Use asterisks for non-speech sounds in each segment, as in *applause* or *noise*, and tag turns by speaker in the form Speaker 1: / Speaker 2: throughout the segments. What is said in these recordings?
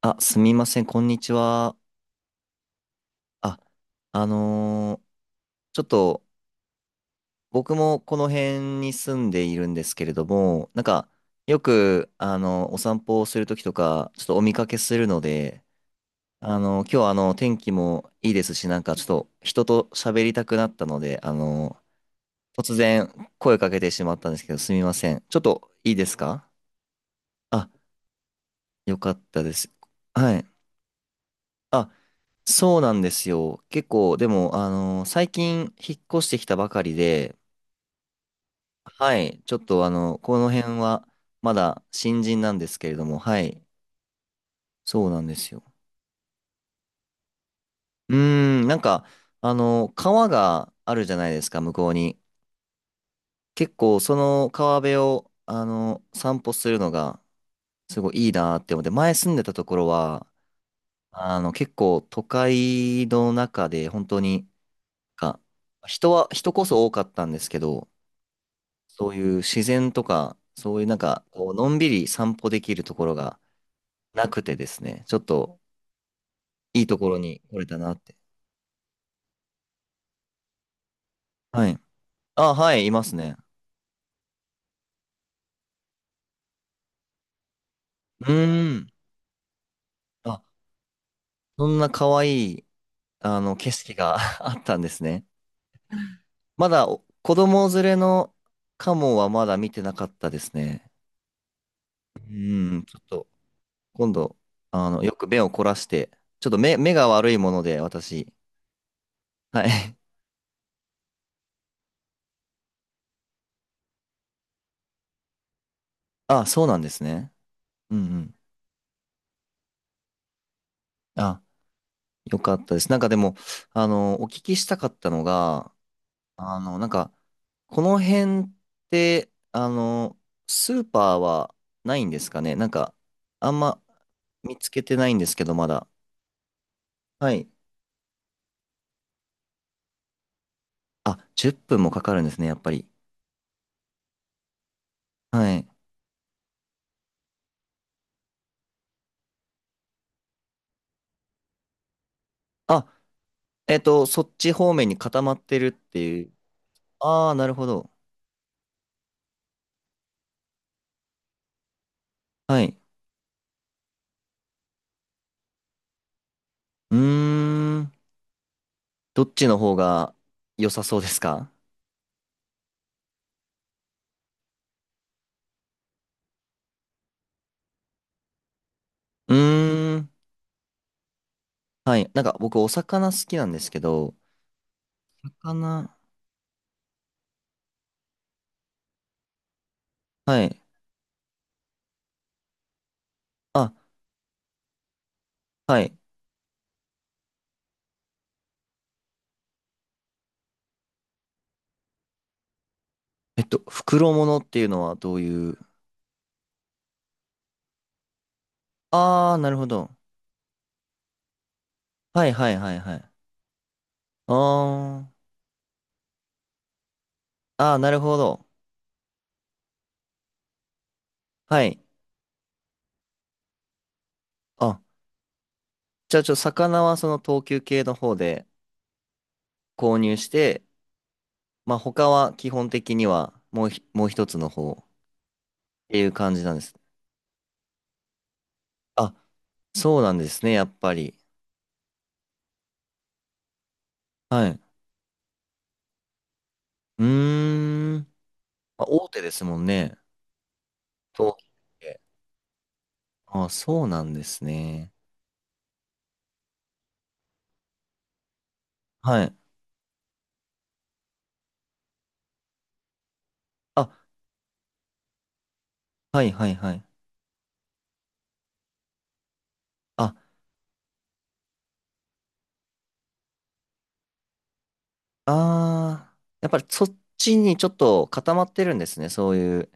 Speaker 1: あ、すみません、こんにちは。あ、あのーちょっと僕もこの辺に住んでいるんですけれども、なんかよく、お散歩をするときとか、ちょっとお見かけするので、今日は天気もいいですし、なんかちょっと人と喋りたくなったので、突然声かけてしまったんですけど、すみません。ちょっといいですか？あ、よかったです。はい。あ、そうなんですよ。結構、でも、最近引っ越してきたばかりで、はい、ちょっとこの辺はまだ新人なんですけれども、はい、そうなんですよ。うーなんか、あの、川があるじゃないですか、向こうに。結構、その川辺を、散歩するのが、すごいいいなって思って、前住んでたところは、結構都会の中で、本当に、か人は、人こそ多かったんですけど、そういう自然とか、そういうなんか、こう、のんびり散歩できるところがなくてですね、ちょっといいところに来れたなって。はい。あ、はい、いますね。うーん。あ、そんな可愛い、景色が *laughs* あったんですね。まだ、お子供連れのカモはまだ見てなかったですね。ちょっと、今度、よく目を凝らして、ちょっと目が悪いもので、私。はい。*laughs* あ、そうなんですね。うんうん。あ、よかったです。なんかでも、お聞きしたかったのが、なんか、この辺って、スーパーはないんですかね？なんか、あんま見つけてないんですけど、まだ。はい。あ、10分もかかるんですね、やっぱり。はい。あ、そっち方面に固まってるっていう。ああ、なるほど。はい。うーん。どっちの方が良さそうですか？うーん。はい。なんか僕、お魚好きなんですけど、かな。はい。あ、はい。袋物っていうのはどういう。ああー、なるほど。はいはいはいはい。ああ、ああ、なるほど。はい。あ、じゃあ魚はその等級系の方で購入して、まあ他は基本的にはもう一つの方っていう感じなんです。あ、そうなんですね、やっぱり。はい。うーん。まあ、大手ですもんね。等級系。あ、そうなんですね。はい。あ、はいはいはい。あ、あー、やっぱりそっちにちょっと固まってるんですね。そういう、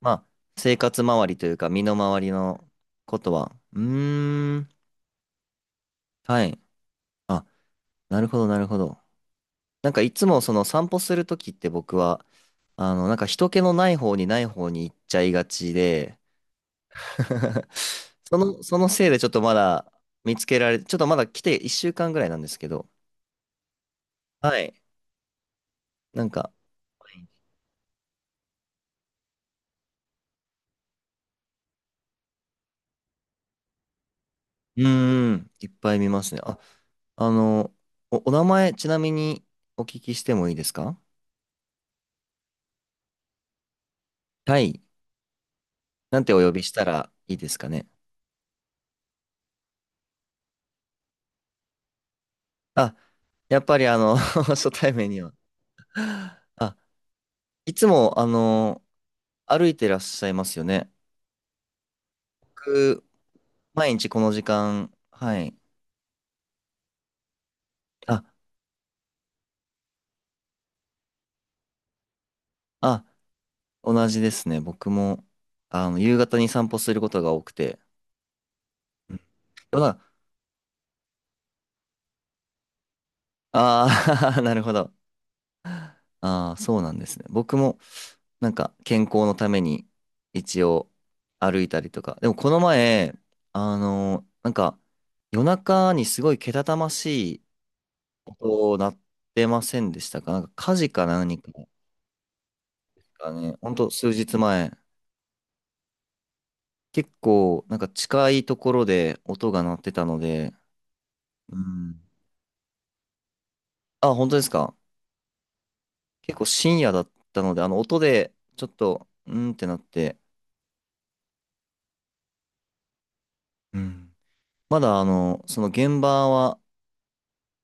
Speaker 1: まあ、生活周りというか、身の回りのことは。うーん、はい。あ、なるほど、なるほど。なんかいつもその散歩するときって僕は、なんか人気のない方に行っちゃいがちで、*laughs* そのせいでちょっとまだ来て1週間ぐらいなんですけど、はい。なんか、うーいっぱい見ますね。あ、お名前、ちなみにお聞きしてもいいですか？はい。なんてお呼びしたらいいですかね。あ、やっぱり*laughs* 初対面には。あ、いつも、歩いてらっしゃいますよね。僕、毎日この時間、はい。あ、あ、同じですね。僕も、夕方に散歩することが多くて。うん。あああー、*laughs* なるほど。ああ、そうなんですね。僕も、なんか、健康のために、一応、歩いたりとか。でも、この前、なんか、夜中にすごいけたたましい音鳴ってませんでしたか？なんか、火事か何かがね、ほんと数日前、結構、なんか近いところで音が鳴ってたので、うん。あ、本当ですか？結構深夜だったので、音で、ちょっと、うんってなって、うん。まだその現場は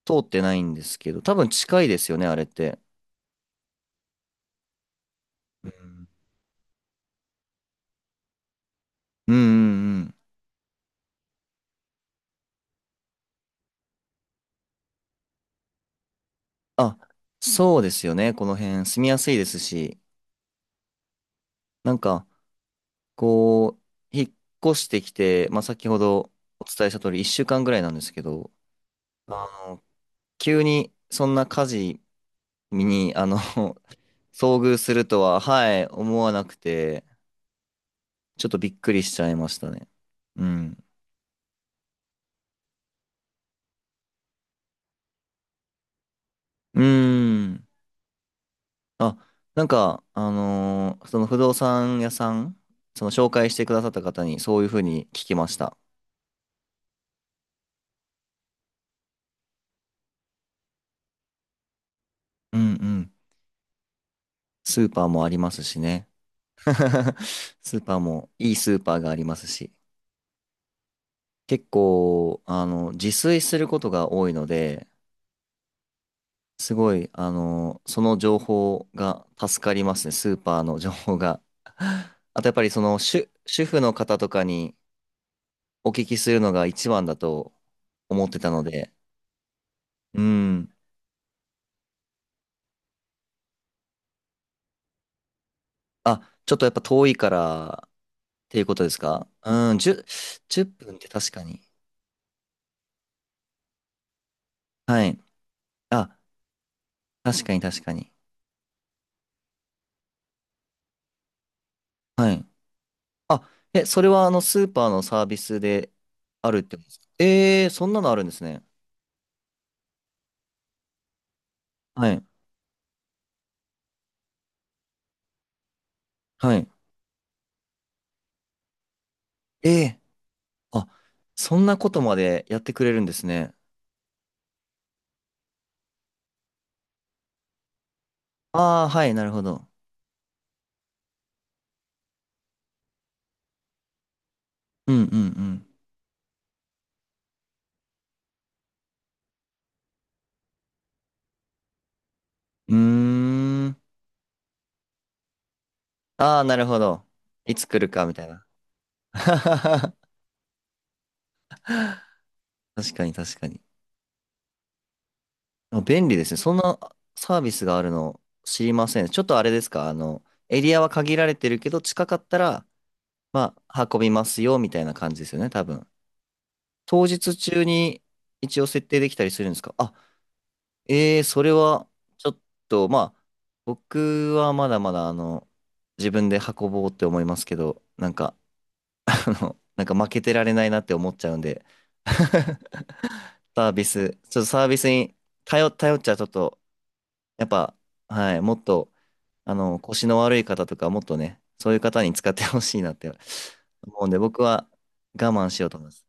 Speaker 1: 通ってないんですけど、多分近いですよね、あれって。うん。うんうんうん。あ、そうですよね。この辺住みやすいですし、なんか、こう、引っ越してきて、まあ、先ほどお伝えした通り1週間ぐらいなんですけど、あの、急にそんな火事に、*laughs* 遭遇するとは、はい、思わなくて、ちょっとびっくりしちゃいましたね。うん。うーん。あ、なんか、その不動産屋さん、その紹介してくださった方にそういうふうに聞きました。うんうん。スーパーもありますしね。*laughs* スーパーも、いいスーパーがありますし。結構、自炊することが多いので、すごい、その情報が助かりますね、スーパーの情報が。*laughs* あと、やっぱりその主婦の方とかにお聞きするのが一番だと思ってたので、うん。あ、ちょっとやっぱ遠いからっていうことですか？うん、10、分っぷんって確かに。はい。あ、確かに確かに。はい。あ、え、それはあのスーパーのサービスであるってことですか？えー、そんなのあるんですね。はい。はい。えー、あ、そんなことまでやってくれるんですね。ああ、はい、なるほど。うんうんうん。うーん。ああ、なるほど。いつ来るかみたいな。*laughs* 確かに確かに。あ、便利ですね。そんなサービスがあるの知りません。ちょっとあれですか、エリアは限られてるけど、近かったら、まあ、運びますよ、みたいな感じですよね、多分。当日中に一応設定できたりするんですか？あ、えー、それは、ちょっと、まあ、僕はまだまだ、自分で運ぼうって思いますけど、なんか、なんか負けてられないなって思っちゃうんで、*laughs* サービス、ちょっとサービスに頼っちゃちょっと、やっぱ、はい、もっと、腰の悪い方とか、もっとね、そういう方に使ってほしいなって思うんで、*laughs* 僕は我慢しようと思います。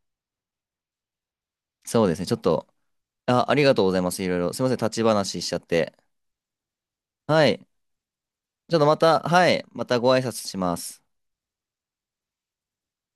Speaker 1: そうですね、ちょっと、あ、ありがとうございます。いろいろ。すいません、立ち話しちゃって。はい。ちょっとまた、はい、またご挨拶します。